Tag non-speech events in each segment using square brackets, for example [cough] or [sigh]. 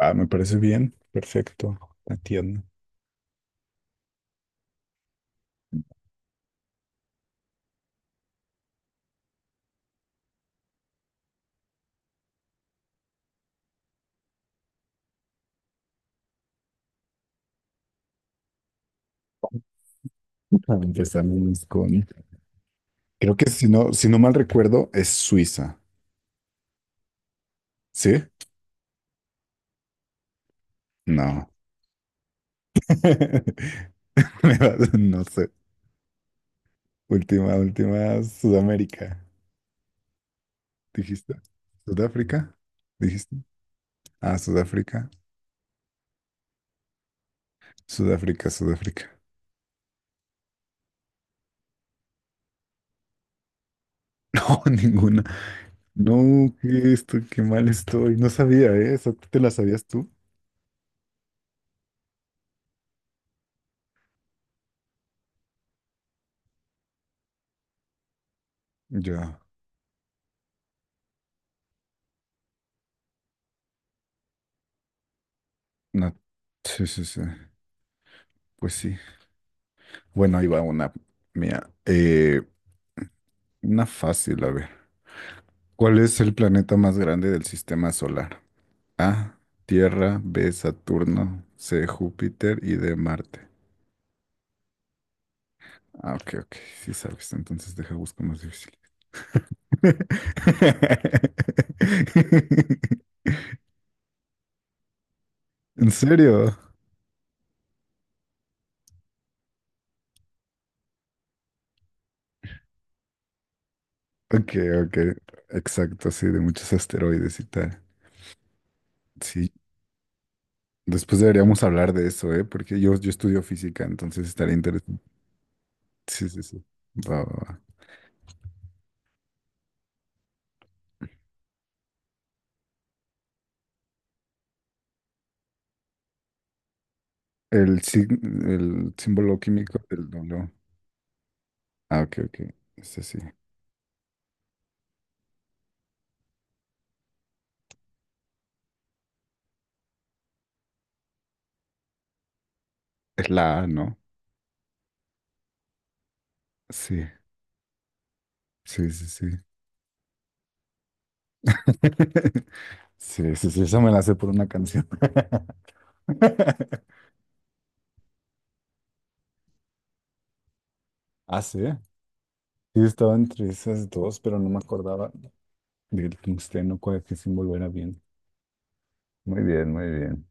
Ah, me parece bien, perfecto, atiendo. Empezamos con, creo que si no mal recuerdo, es Suiza, ¿sí? No. [laughs] Me vas- No sé. Última, última, Sudamérica, dijiste. ¿Sudáfrica? ¿Dijiste? Ah, Sudáfrica. Sudáfrica, Sudáfrica. [laughs] No, ninguna. No, qué esto, qué mal estoy. No sabía, ¿eh? ¿Esa te la sabías tú? Yo, no. Sí, sí, sí. Pues sí. Bueno, ahí va una mía. Una fácil, a ver. ¿Cuál es el planeta más grande del sistema solar? A, Tierra; B, Saturno; C, Júpiter; y D, Marte. Ah, ok, ok, sí sabes, entonces deja busco más difícil. [laughs] ¿En serio? Ok, ok, exacto, sí, de muchos asteroides y tal. Sí, después deberíamos hablar de eso, ¿eh? Porque yo estudio física, entonces estaría interesante. Sí, sí, sí. Va, va, va. El, el símbolo químico del W. Ah, ok, ok, ese sí. Es la A, ¿no? Sí, sí, sí, sí. [laughs] Sí, sí, sí, eso me la sé por una canción. [laughs] Ah, sí. Sí, estaba entre esas dos, pero no me acordaba del tungsteno, cuál qué símbolo era bien. Muy bien, muy bien.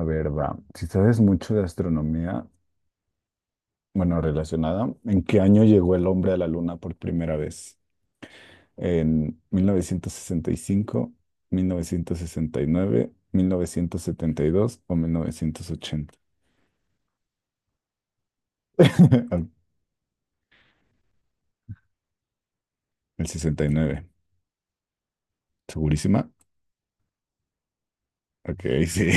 A ver, va. Si sabes mucho de astronomía, bueno, relacionada, ¿en qué año llegó el hombre a la luna por primera vez? En mil novecientos sesenta y cinco, nueve 1972 o 1980. [laughs] Al- El 69. ¿Segurísima? Ok, sí.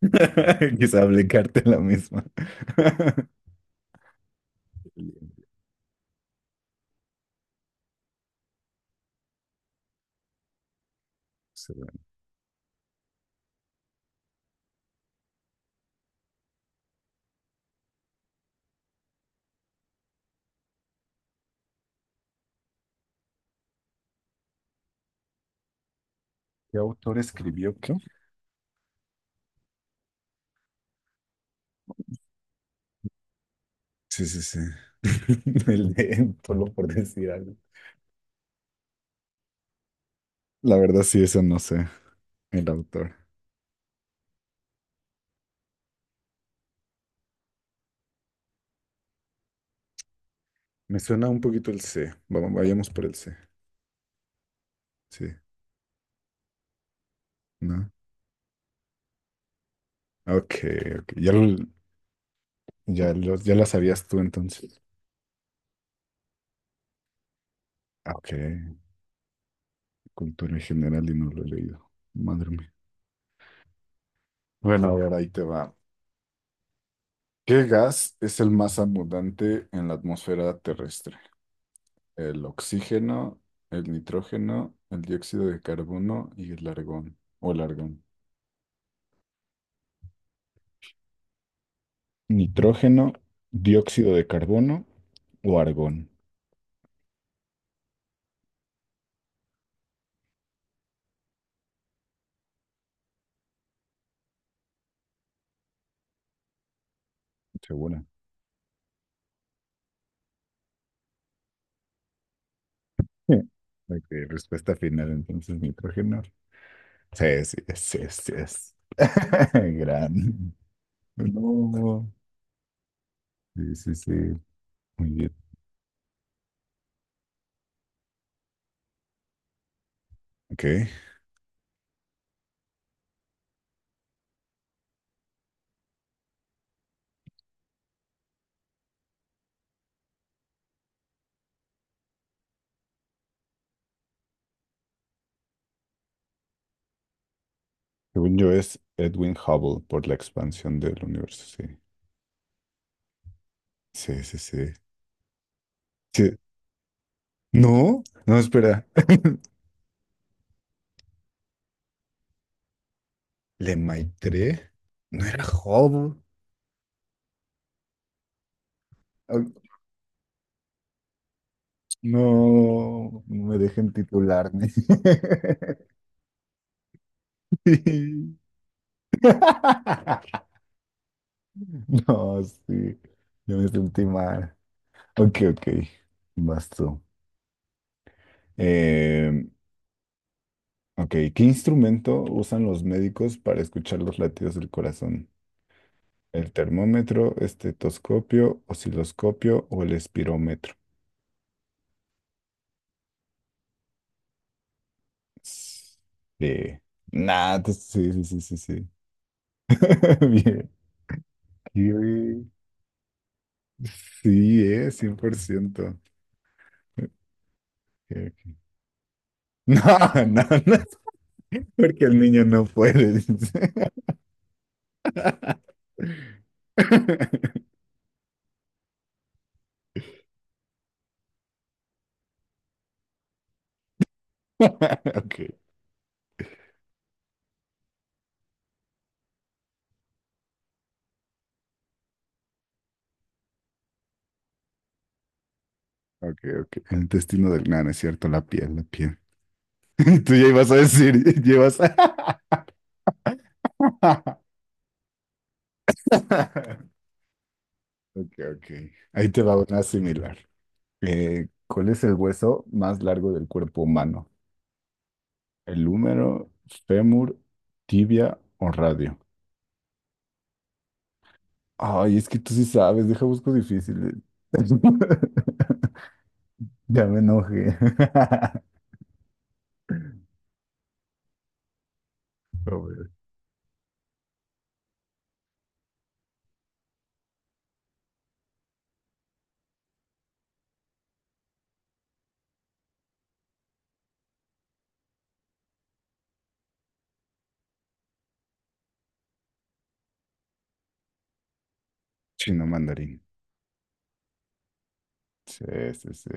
[laughs] Quizá aplicarte la misma. [laughs] ¿Qué autor escribió qué? Sí, sí, sí. [laughs] El de, solo por decir algo. La verdad, sí, eso no sé. El autor. Me suena un poquito el C. Vamos, vayamos por el C. Sí, ¿no? Ok, ok. Ya lo, ya la sabías tú entonces. Ah, ok, cultura en general y no lo he leído. Madre mía. Bueno, a ver, ahí te va. ¿Qué gas es el más abundante en la atmósfera terrestre? ¿El oxígeno, el nitrógeno, el dióxido de carbono y el argón? ¿O el argón? Nitrógeno, dióxido de carbono o argón. ¿Segura? Sí. Ok, respuesta final entonces, nitrógeno. Sí, sí, sí, sí es. [laughs] Gran. No. Sí, sí, sí. Muy bien. Ok. Según yo es Edwin Hubble por la expansión del universo. Sí. Sí, sí, sí. Sí. No, no, espera. [laughs] ¿Le Maitré? No era Hubble. Ah, no, no me dejen titularme. [laughs] Sí. [laughs] No, sí. Yo me sentí mal. Ok, ok. Vas tú. Em, Ok, ¿qué instrumento usan los médicos para escuchar los latidos del corazón? ¿El termómetro, estetoscopio, osciloscopio o el espirómetro? S- Eh, nah, sí, sí, sí, sí, sí. [laughs] Bien. Y- Sí, 100%. Eh, [laughs] No, no, no, porque el niño no puede, dice. [laughs] Ok, ok, ok. El destino del nano, es cierto, la piel, la piel. [laughs] Tú ya ibas a decir, llevas. [laughs] [laughs] Ok, ok. Ahí te va una similar. ¿Cuál es el hueso más largo del cuerpo humano? ¿El húmero, fémur, tibia o radio? Ay, es que tú sí sabes, deja busco difíciles. [laughs] Ya me enojé. [laughs] Pobre. Chino mandarín. Sí, sí, sí.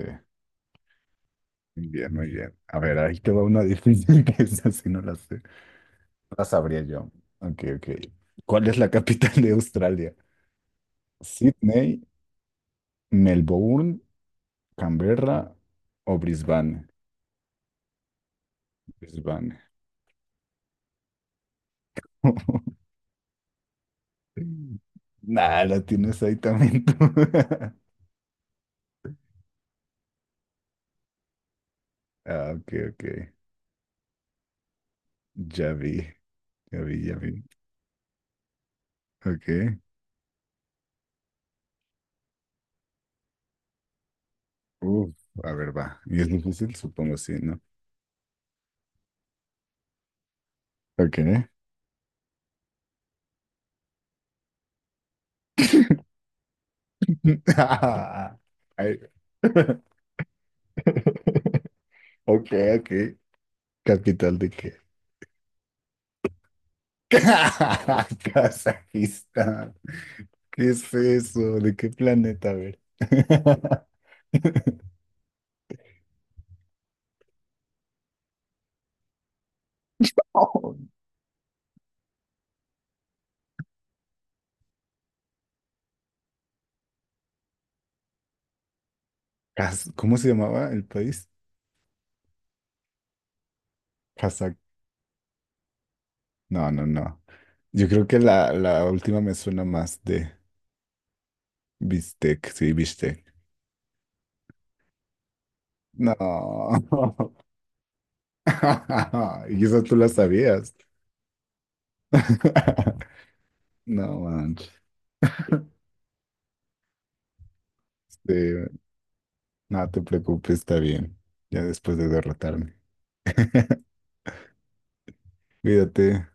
Muy bien, muy bien. A ver, ahí te va una difícil [laughs] que es así, no la sé. No la sabría yo. Ok, ok. ¿Cuál es la capital de Australia? ¿Sydney, Melbourne, Canberra o Brisbane? Brisbane. [laughs] Nah, la tienes ahí también tú. [laughs] Ah, ok, ok. Ya vi, ya vi, ya vi. Ok. Uf, a ver, va. ¿Y es difícil? Supongo sí, ¿no? Ok. [laughs] Ah, ay. [laughs] Ok, ok. ¿Capital de qué? [laughs] Kazajistán. ¿Qué es eso? ¿De qué planeta? A ver. [laughs] [laughs] Kaz- ¿Cómo se llamaba el país? Kazak. No, no, no. Yo creo que la última me suena más de Bistec. Sí, Bistec. No. [laughs] Y eso tú la sabías. [laughs] No, manches. Sí, no te preocupes, está bien. Ya después de derrotarme. [laughs] Cuídate.